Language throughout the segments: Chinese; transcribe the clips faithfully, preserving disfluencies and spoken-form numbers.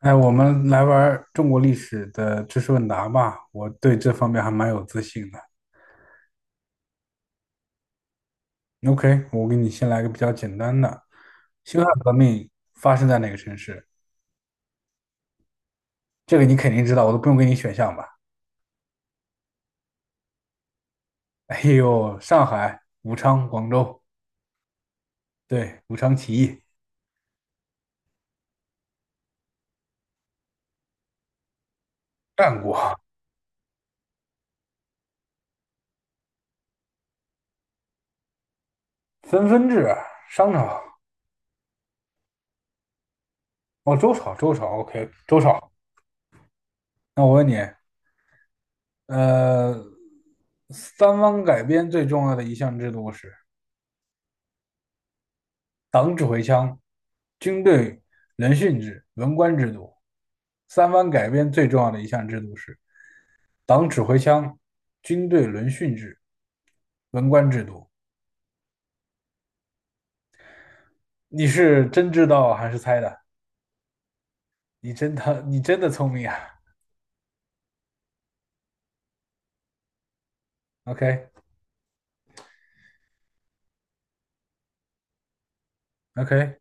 哎，我们来玩儿中国历史的知识问答吧，我对这方面还蛮有自信的。OK，我给你先来个比较简单的。辛亥革命发生在哪个城市？这个你肯定知道，我都不用给你选项吧？哎呦，上海、武昌、广州，对，武昌起义，战国，分分制，商朝，哦，周朝，周朝，OK，周朝。那我问你，呃，三王改编最重要的一项制度是？党指挥枪，军队轮训制、文官制度。三藩改编最重要的一项制度是党指挥枪、军队轮训制、文官制度。你是真知道还是猜的？你真的你真的聪明啊！OK OK，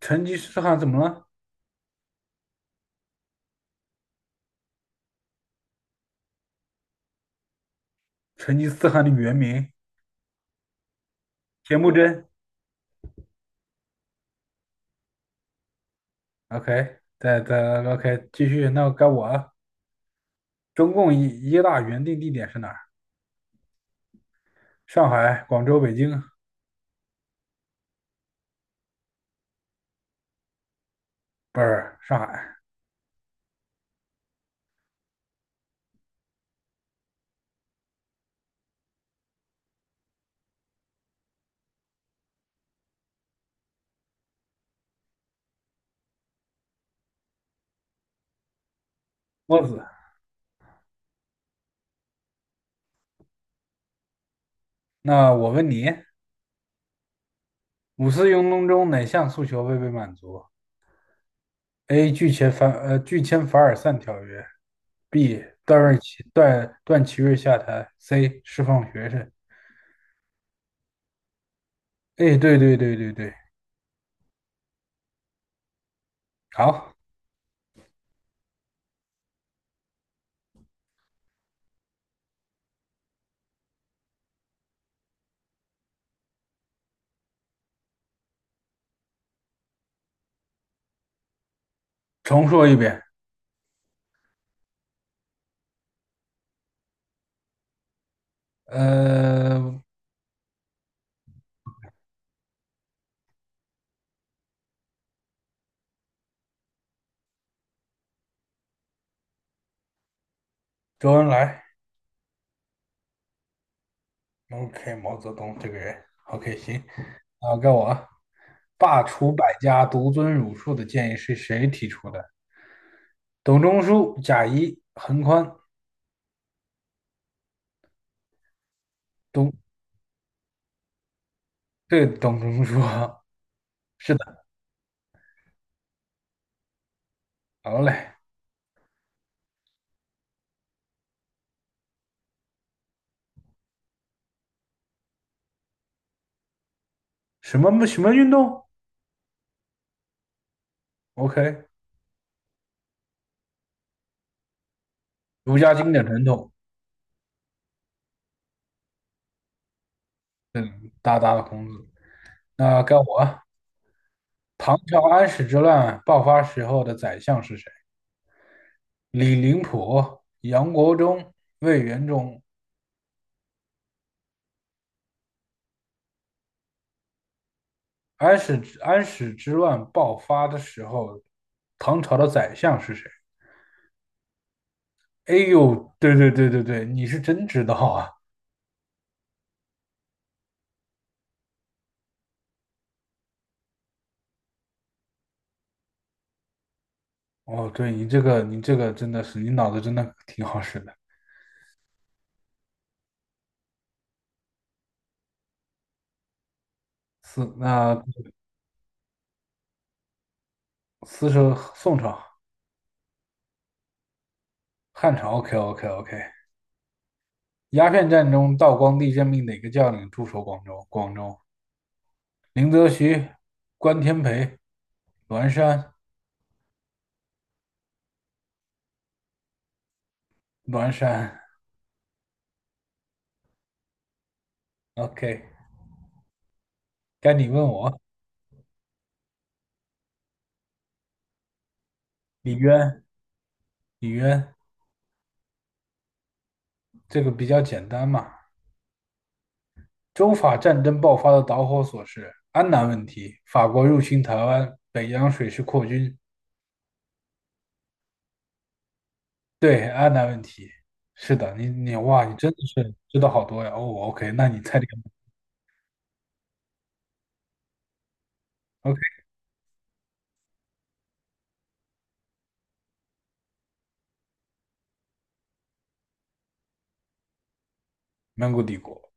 成吉思汗怎么了？成吉思汗的原名铁木真。OK，再再 OK 继续，那该我了。中共一一大原定地点是哪儿？上海、广州、北京，不是上海，墨子。那我问你，五四运动中哪项诉求未被满足？A. 拒签凡呃拒签凡尔赛条约，B. 段瑞奇段段祺瑞下台，C. 释放学生。哎，对对对对对，好，重说一遍。呃，周恩来，OK，毛泽东这个人，OK，行，啊，该我啊。罢黜百家，独尊儒术的建议是谁提出的？董仲舒、贾谊、桓宽。董，对，董仲舒 是的。好嘞，什么什么运动？OK，儒家经典传统，大大的孔子。那该我啊，唐朝安史之乱爆发时候的宰相是谁？李林甫、杨国忠、魏元忠。安史之安史之乱爆发的时候，唐朝的宰相是谁？哎呦，对对对对对，你是真知道啊！哦，对你这个你这个真的是，你脑子真的挺好使的。四那四是宋朝、汉朝，OK OK OK。鸦片战中，道光帝任命哪个将领驻守广州？广州，林则徐、关天培、栾山、栾山。OK，该你问我。李渊，李渊，这个比较简单嘛。中法战争爆发的导火索是安南问题，法国入侵台湾，北洋水师扩军。对，安南问题。是的，你你哇，你真的是知道好多呀。哦，OK，那你猜这个。OK，蒙古帝国。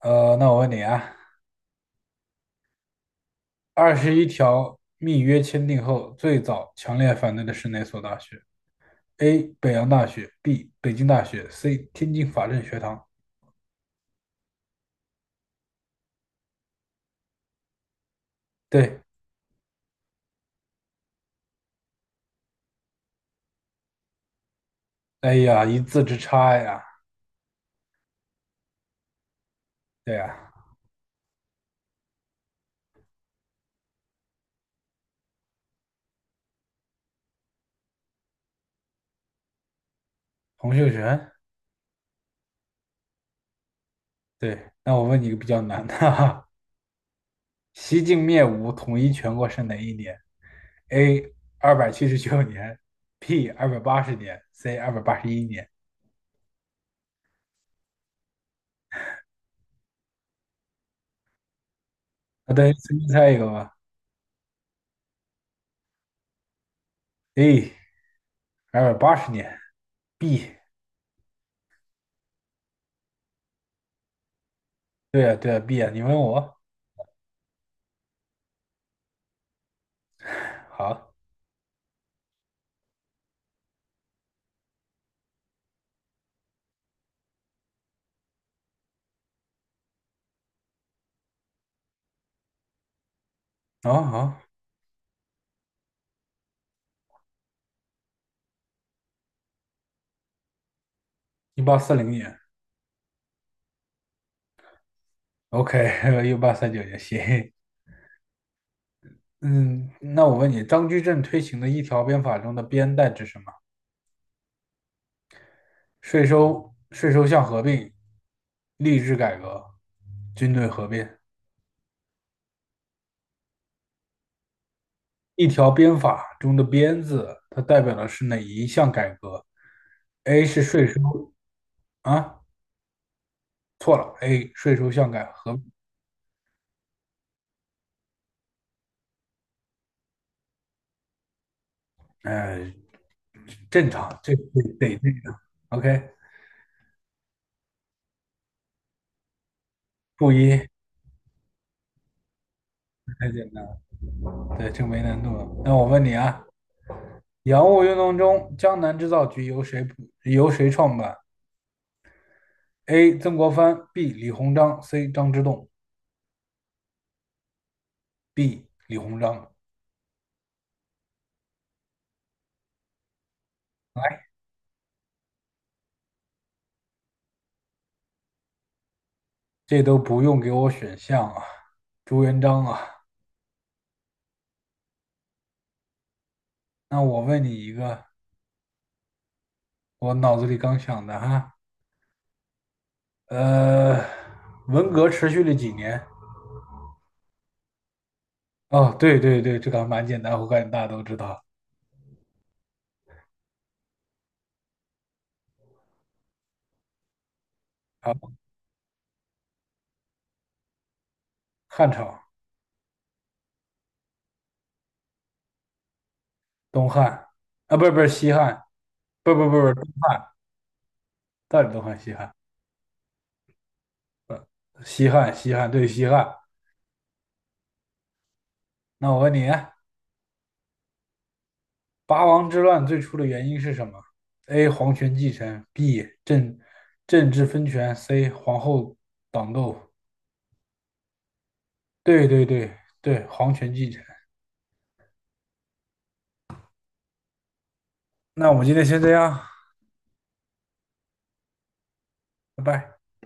呃，那我问你啊。二十一条密约签订后，最早强烈反对的是哪所大学？A. 北洋大学，B. 北京大学，C. 天津法政学堂。对，哎呀，一字之差呀！对呀，洪秀全。对，那我问你一个比较难的，哈哈。西晋灭吴统一全国是哪一年？A. 二百七十九年，B. 二百八十年，C. 二百八十一年。那等于随便猜一个吧。A. 二百八十年，B。对呀，对呀，B 呀，你问我，好。啊啊，一八四零年，OK，一八三九 年，行。嗯，那我问你，张居正推行的一条鞭法中的“鞭”代指什么？税收、税收项合并、吏治改革、军队合并。一条鞭法中的“鞭”字，它代表的是哪一项改革？A 是税收啊，错了，A 税收项改合，呃，正常，这得得这个，OK，负一，太简单了，对，这没难度了。那我问你啊。洋务运动中，江南制造局由谁由谁创办？A. 曾国藩，B. 李鸿章，C. 张之洞 B. 李鸿章。来，这都不用给我选项啊，朱元璋啊。那我问你一个，我脑子里刚想的哈，呃，文革持续了几年？哦，对对对，这个还蛮简单，我感觉大家都知道。啊。汉朝，东汉啊，不是不是西汉，不不不不，到底东汉西汉？西汉西汉对西汉。那我问你。八王之乱最初的原因是什么？A. 皇权继承，B. 政政治分权，C. 皇后党斗。对对对对，皇权继承。那我们今天先这样，拜拜。